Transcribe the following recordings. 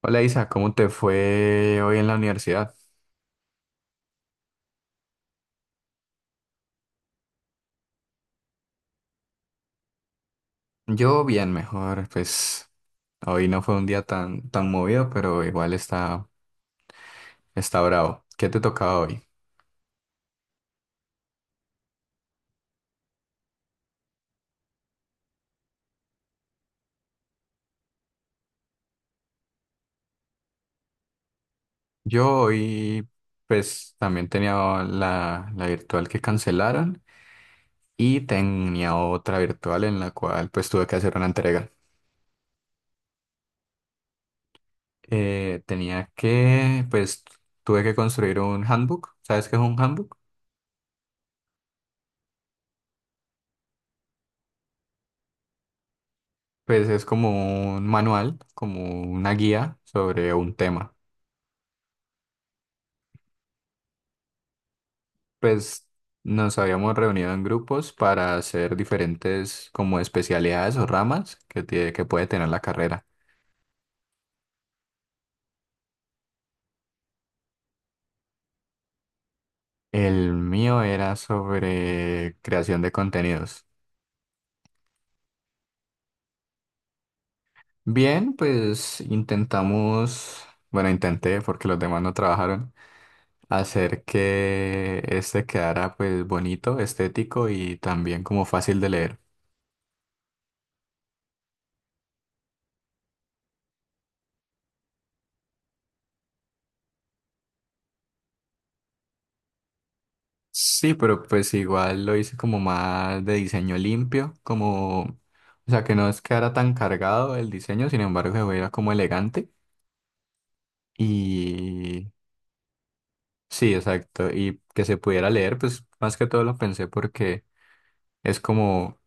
Hola Isa, ¿cómo te fue hoy en la universidad? Yo bien, mejor, pues hoy no fue un día tan movido, pero igual está bravo. ¿Qué te tocaba hoy? Yo hoy, pues también tenía la virtual que cancelaron y tenía otra virtual en la cual pues tuve que hacer una entrega. Tenía que tuve que construir un handbook. ¿Sabes qué es un handbook? Pues es como un manual, como una guía sobre un tema. Pues nos habíamos reunido en grupos para hacer diferentes como especialidades o ramas que puede tener la carrera. El mío era sobre creación de contenidos. Bien, pues intenté porque los demás no trabajaron, hacer que este quedara pues bonito, estético y también como fácil de leer. Sí, pero pues igual lo hice como más de diseño limpio, como, o sea, que no es que era tan cargado el diseño, sin embargo, se veía como elegante y sí, exacto, y que se pudiera leer, pues más que todo lo pensé porque es como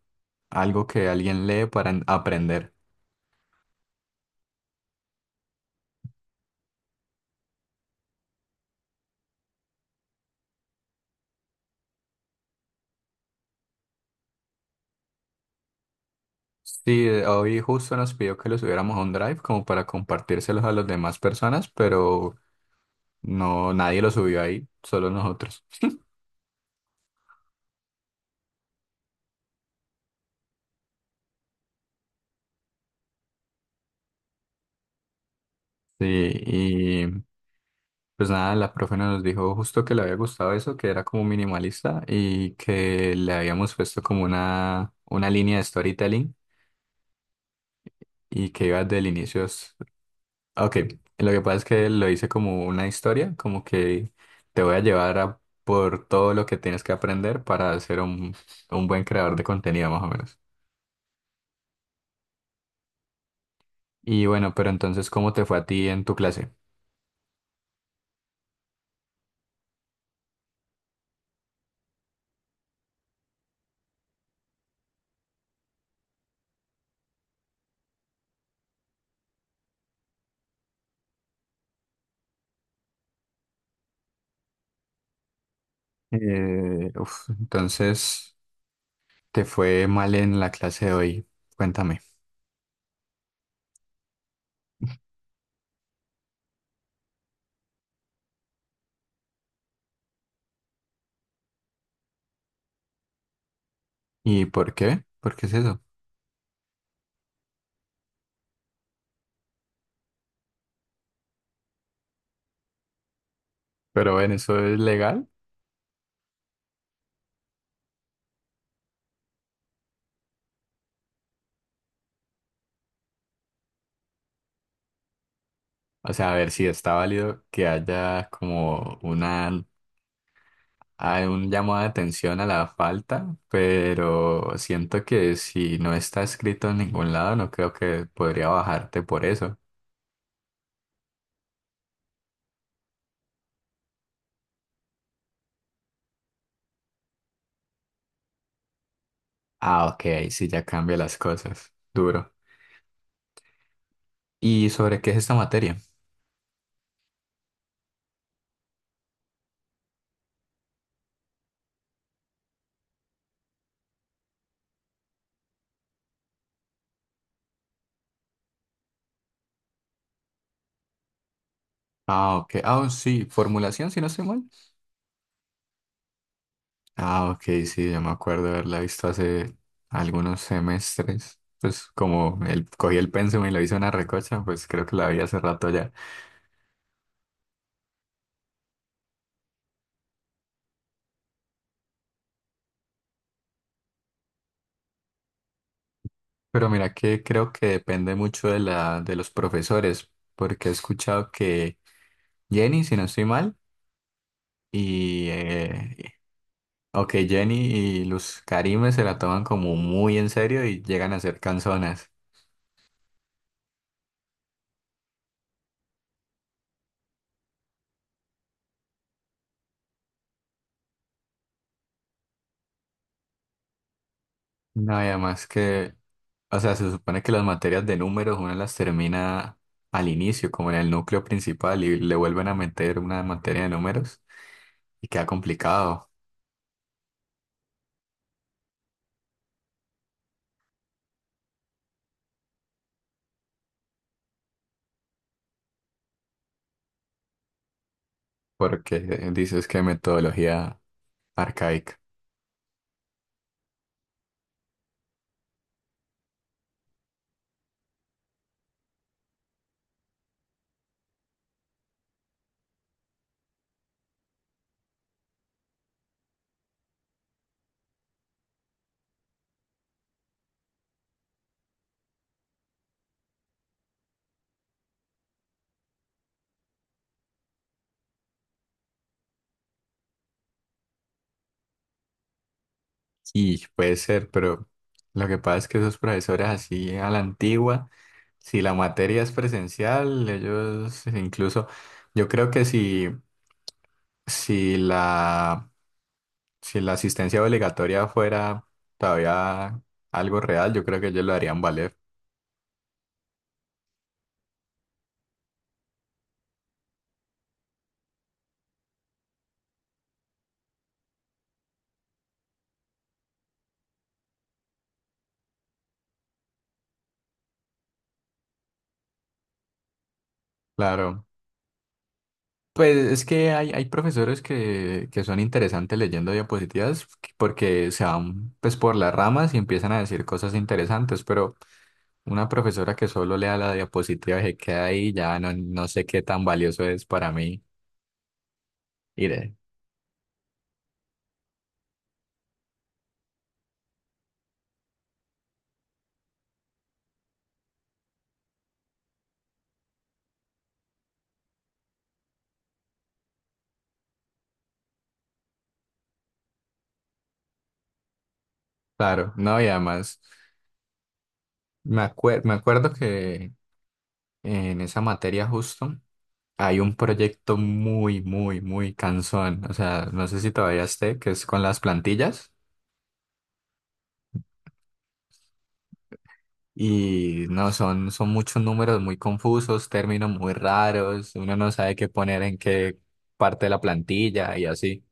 algo que alguien lee para aprender. Sí, hoy justo nos pidió que lo subiéramos a un Drive como para compartírselos a las demás personas, pero no, nadie lo subió ahí, solo nosotros. Sí, pues nada, la profe nos dijo justo que le había gustado eso, que era como minimalista y que le habíamos puesto como una línea de storytelling y que iba desde el inicio. Ok, lo que pasa es que lo hice como una historia, como que te voy a llevar a por todo lo que tienes que aprender para ser un buen creador de contenido, más o menos. Y bueno, pero entonces, ¿cómo te fue a ti en tu clase? Entonces, ¿te fue mal en la clase de hoy? Cuéntame. ¿Y por qué? ¿Por qué es eso? Pero ven, ¿eso es legal? O sea, a ver si está válido que haya como hay un llamado de atención a la falta, pero siento que si no está escrito en ningún lado, no creo que podría bajarte por eso. Ah, ok, ahí sí ya cambia las cosas. Duro. ¿Y sobre qué es esta materia? Ah, ok. Ah, sí, formulación, si no estoy mal. Ah, ok, sí, yo me acuerdo haberla visto hace algunos semestres. Pues como el, cogí el pensum y lo hice una recocha, pues creo que la vi hace rato ya. Pero mira que creo que depende mucho de de los profesores, porque he escuchado que Jenny, si no estoy mal, y ok, Jenny y Luz Karime se la toman como muy en serio y llegan a ser canzonas. No, y además que, o sea, se supone que las materias de números una las termina al inicio, como en el núcleo principal, y le vuelven a meter una materia de números y queda complicado, porque dices que metodología arcaica. Y puede ser, pero lo que pasa es que esos profesores así a la antigua, si la materia es presencial, ellos incluso, yo creo que si, si la Si la asistencia obligatoria fuera todavía algo real, yo creo que ellos lo harían valer. Claro. Pues es que hay profesores que son interesantes leyendo diapositivas porque se van pues por las ramas y empiezan a decir cosas interesantes, pero una profesora que solo lea la diapositiva y se queda ahí, ya no, no sé qué tan valioso es para mí. Iré. Claro, no, y además me acuerdo que en esa materia justo. Hay un proyecto muy cansón. O sea, no sé si todavía esté, que es con las plantillas. Y no, son muchos números muy confusos, términos muy raros. Uno no sabe qué poner en qué parte de la plantilla y así.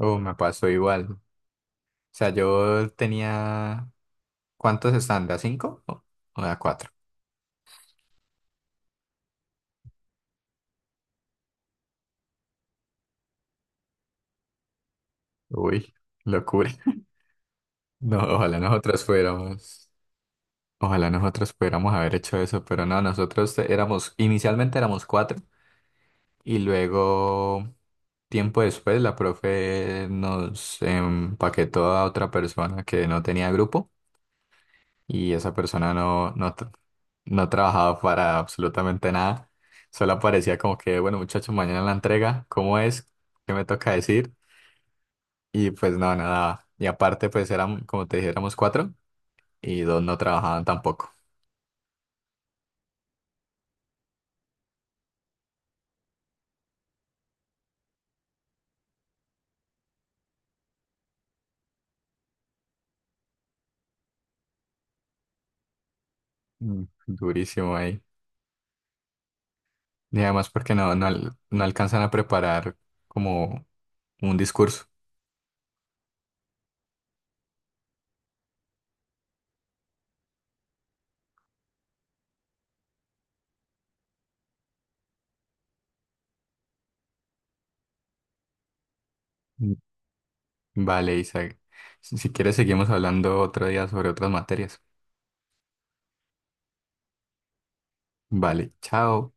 Oh, me pasó igual. O sea, yo tenía... ¿Cuántos están? ¿De a cinco? ¿O de a cuatro? Uy, locura. No, ojalá nosotros fuéramos. Ojalá nosotros pudiéramos haber hecho eso, pero no, éramos, inicialmente éramos cuatro. Y luego, tiempo después, la profe nos empaquetó a otra persona que no tenía grupo y esa persona no trabajaba para absolutamente nada. Solo aparecía como que, bueno, muchachos, mañana la entrega, ¿cómo es? ¿Qué me toca decir? Y pues no, nada. Y aparte, pues eran, como te dije, éramos cuatro y dos no trabajaban tampoco. Mm, durísimo ahí. Y además porque no alcanzan a preparar como un discurso. Vale, Isaac. Si quieres, seguimos hablando otro día sobre otras materias. Vale, chao.